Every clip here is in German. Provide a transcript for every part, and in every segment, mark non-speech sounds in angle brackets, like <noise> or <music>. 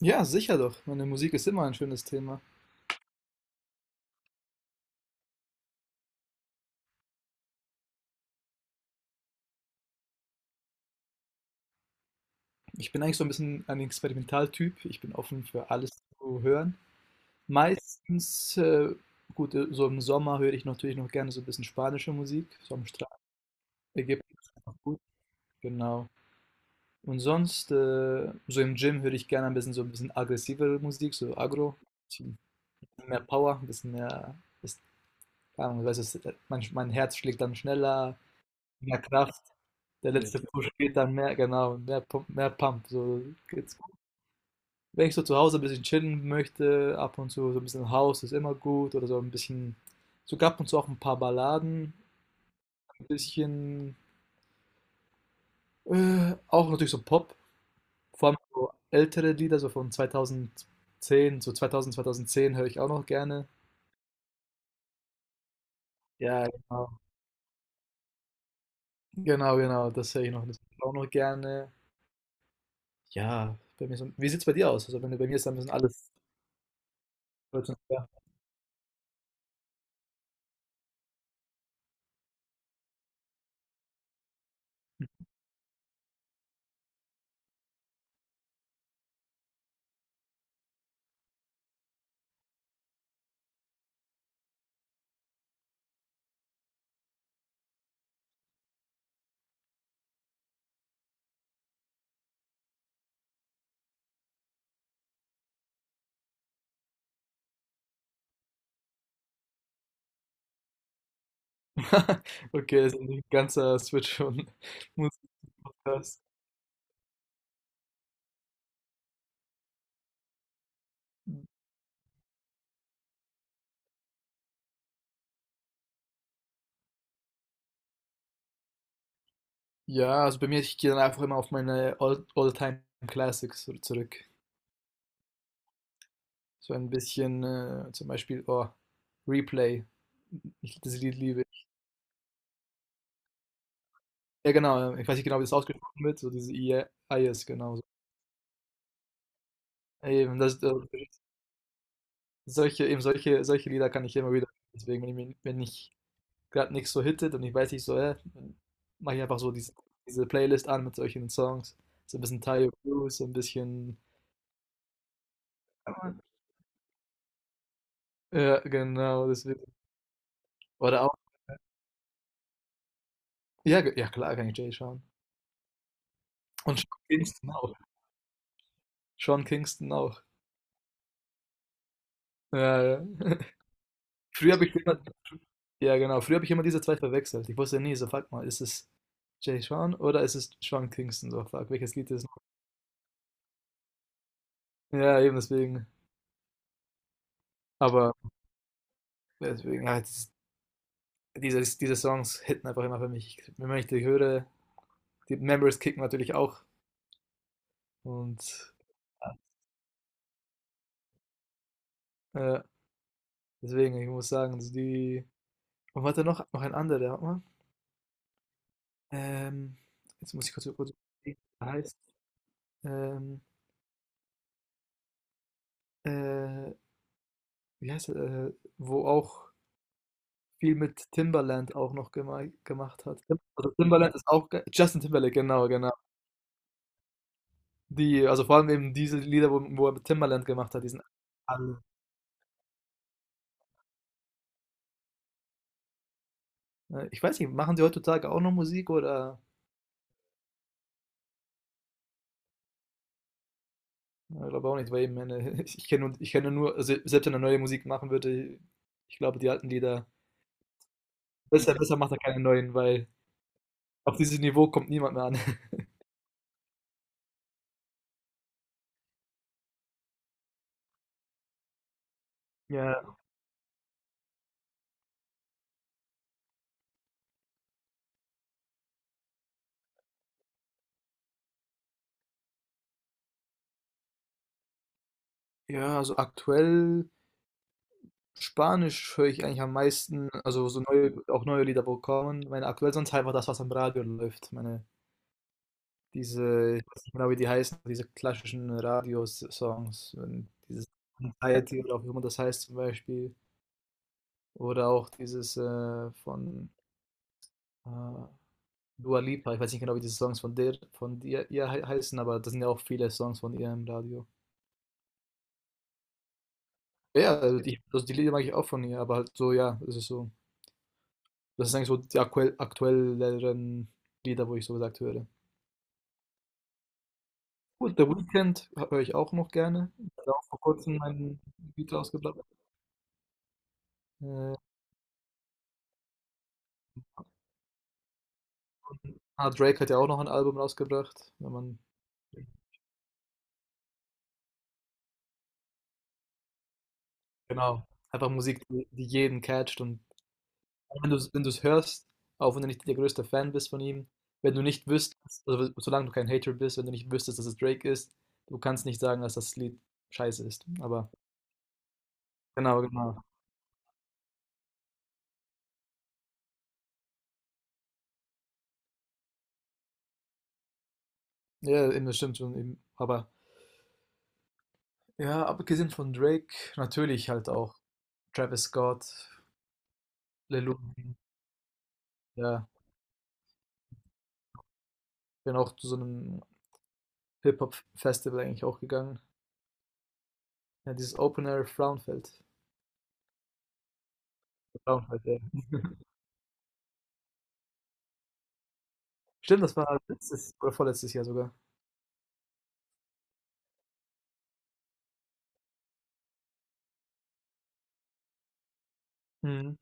Ja, sicher doch. Meine Musik ist immer ein schönes Thema. Ich bin eigentlich so ein bisschen ein Experimentaltyp. Ich bin offen für alles zu hören. Meistens, gut, so im Sommer höre ich natürlich noch gerne so ein bisschen spanische Musik. So am Strand, Ägypten ist einfach gut. Genau. Und sonst, so im Gym höre ich gerne ein bisschen so ein bisschen aggressivere Musik, so Agro. Ein bisschen mehr Power, ein bisschen mehr, ist, keine Ahnung, weißt du, mein Herz schlägt dann schneller, mehr Kraft. Der letzte Push geht dann mehr, genau, mehr Pump, mehr Pump. So, jetzt, wenn ich so zu Hause ein bisschen chillen möchte, ab und zu so ein bisschen House ist immer gut oder so ein bisschen, sogar ab und zu auch ein paar Balladen, ein bisschen, auch natürlich so Pop, vor allem so ältere Lieder, so von 2010, so 2000, 2010 höre ich auch noch gerne. Ja, genau. Genau, genau, das höre ich noch, das höre ich auch noch gerne. Ja, bei mir so, wie sieht es bei dir aus? Also, wenn du bei mir ist, dann müssen alles. <laughs> Okay, das ist ein ganzer Switch von <laughs> Musik zum Podcast. Ja, also bei mir, ich gehe dann einfach immer auf meine All-Time Classics so zurück. So ein bisschen, zum Beispiel, oh, Replay. Ich, das Lied liebe ich. Ja, genau, ich weiß nicht genau, wie das ausgesprochen wird, so diese I-I-S. Genau. So. Eben, das, solche, eben solche, solche Lieder kann ich immer wieder, deswegen, wenn ich gerade nichts so hittet und ich weiß nicht so, dann mache ich einfach so diese, diese Playlist an mit solchen Songs. So ein bisschen Tayo Blues, so ein bisschen. Ja, genau, deswegen. Oder auch. Ja, ja klar kann ich Jay schauen. Und Sean Kingston auch. Sean Kingston auch. Ja, ja. <laughs> Früher habe ich immer, ja genau, früher habe ich immer diese zwei verwechselt. Ich wusste nie, so fuck mal, ist es Jay Sean oder ist es Sean Kingston? So fuck, welches Lied ist es? Ja, eben deswegen. Aber deswegen, ja, dieses, diese Songs hitten einfach immer für mich. Wenn ich die höre, die Memories kicken natürlich auch. Und äh, deswegen, ich muss sagen, also die. Und warte noch, noch ein anderer, warte mal. Ähm, jetzt muss ich kurz überlegen, wie der heißt. Ähm, äh, wie heißt er? Wo auch viel mit Timbaland auch noch gemacht hat. Also Timbaland ist auch Justin Timberlake, genau, genau. Die, also vor allem eben diese Lieder, wo, wo er mit Timbaland gemacht hat, die sind alle. Ich weiß nicht, machen die heutzutage auch noch Musik oder? Ja, ich glaube auch nicht, weil ich meine, <laughs> ich kenne nur, also selbst wenn er neue Musik machen würde, ich glaube, die alten Lieder, besser, besser macht er keine neuen, weil auf dieses Niveau kommt niemand mehr an. <laughs> Ja. Ja, also aktuell Spanisch höre ich eigentlich am meisten, also so neue, auch neue Lieder, wo kommen. Meine aktuell sonst einfach das, was am Radio läuft. Meine, diese, ich weiß nicht genau, wie die heißen, diese klassischen Radiosongs, wenn dieses Anxiety oder auch wie immer das heißt zum Beispiel. Oder auch dieses von äh, Dua Lipa, ich weiß nicht genau, wie diese Songs von der, von ihr, heißen, aber das sind ja auch viele Songs von ihr im Radio. Ja, also die Lieder mag ich auch von ihr, aber halt so, ja, es ist so. Das sind eigentlich so die aktuell, aktuelleren Lieder, wo ich so gesagt höre. Gut, The Weeknd höre ich auch noch gerne. Hat auch vor kurzem mein Beat rausgebracht. Äh, Drake hat ja auch noch ein Album rausgebracht, wenn man, genau, einfach Musik, die, die jeden catcht und wenn du's hörst, auch wenn du nicht der größte Fan bist von ihm, wenn du nicht wüsstest, also solange du kein Hater bist, wenn du nicht wüsstest, dass es Drake ist, du kannst nicht sagen, dass das Lied scheiße ist. Aber genau, genau. Ja, eben, das stimmt schon. Eben. Aber ja, abgesehen von Drake, natürlich halt auch Travis Scott, Lil Uzi, ja, bin auch zu so einem Hip-Hop-Festival eigentlich auch gegangen. Ja, dieses Open Air Frauenfeld. Frauenfeld, ja. Stimmt, das war letztes oder vorletztes Jahr sogar. Mhm.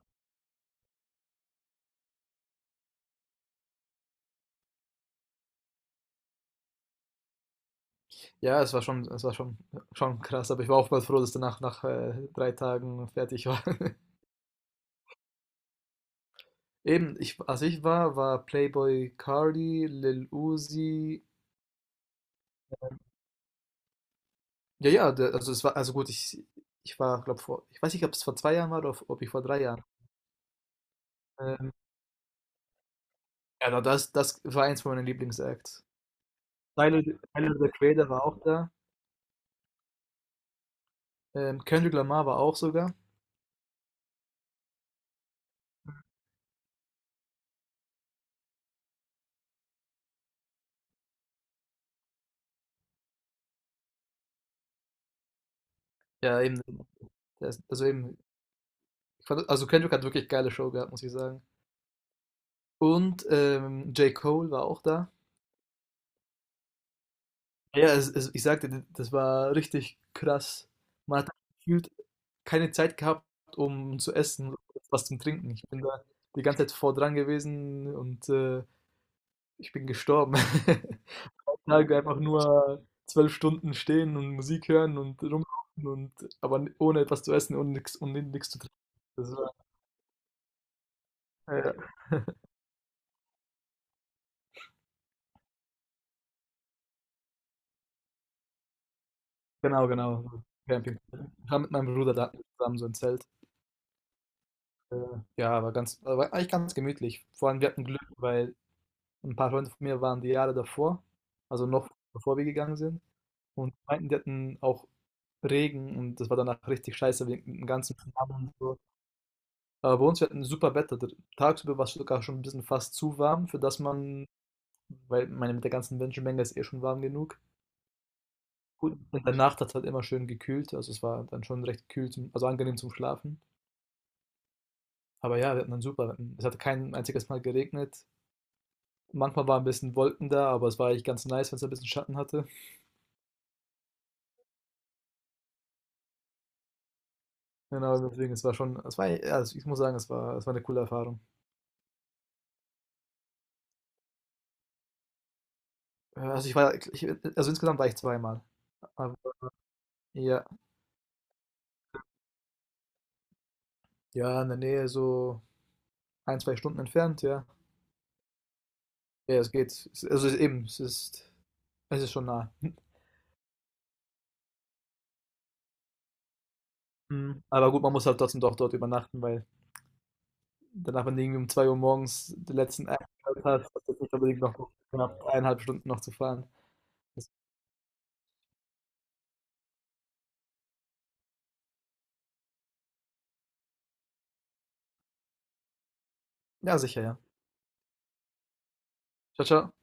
Ja, es war schon, schon krass, aber ich war oftmals froh, dass danach nach 3 Tagen fertig war. <laughs> Eben, ich, als ich war, war Playboy Cardi, Lil Uzi. Ja, ja, der, also es war, also gut, ich war, glaube vor, ich weiß nicht, ob es vor 2 Jahren war oder ob ich vor 3 Jahren. Ähm, ja, na, das, das war eins von meinen Lieblingsacts. Tyler, Tyler the Creator war auch da. Kendrick Lamar war auch sogar. Ja, eben, der ist- also eben, ich fand, also Kendrick hat wirklich geile Show gehabt, muss ich sagen. Und J. Cole war auch da. Ja, es, ich sagte, das war richtig krass. Man hat halt gefühlt keine Zeit gehabt, um zu essen, was zum Trinken. Ich bin da die ganze Zeit vor dran gewesen und ich bin gestorben. <laughs> Tage einfach nur 12 Stunden stehen und Musik hören und rumlaufen und aber ohne etwas zu essen und nichts zu trinken. Das war, äh, genau, genau. So Camping. Ich war mit meinem Bruder da zusammen so ein Zelt. Äh, ja, war ganz, war eigentlich ganz gemütlich. Vor allem wir hatten Glück, weil ein paar Freunde von mir waren die Jahre davor, also noch bevor wir gegangen sind und die meinten, die hatten auch Regen und das war danach richtig scheiße wegen dem ganzen Schlamm und so. Aber bei uns wir hatten super Wetter. D tagsüber war es sogar schon ein bisschen fast zu warm, für das man weil meine, mit der ganzen Menschenmenge ist eh schon warm genug. Gut, in der Nacht hat's halt immer schön gekühlt, also es war dann schon recht kühl zum also angenehm zum Schlafen. Aber ja, wir hatten dann super Wetten es hat kein einziges Mal geregnet. Manchmal war ein bisschen Wolken da, aber es war eigentlich ganz nice, wenn es ein bisschen Schatten hatte. Genau, deswegen, es war schon, es war, ja, also ich muss sagen, es war eine coole Erfahrung. Also ich war, ich, also insgesamt war ich zweimal. Aber ja, ja, in der Nähe so 1, 2 Stunden entfernt, ja. Ja, es geht. Es- Also es ist eben, es ist schon nah. Mhm. Aber gut, man muss halt trotzdem doch dort übernachten, weil danach, wenn du irgendwie um 2 Uhr morgens den letzten Eintritt hast, hast du jetzt nicht unbedingt noch knapp 1,5 Stunden noch zu fahren. Das, ja, sicher, ja. Ciao, ciao.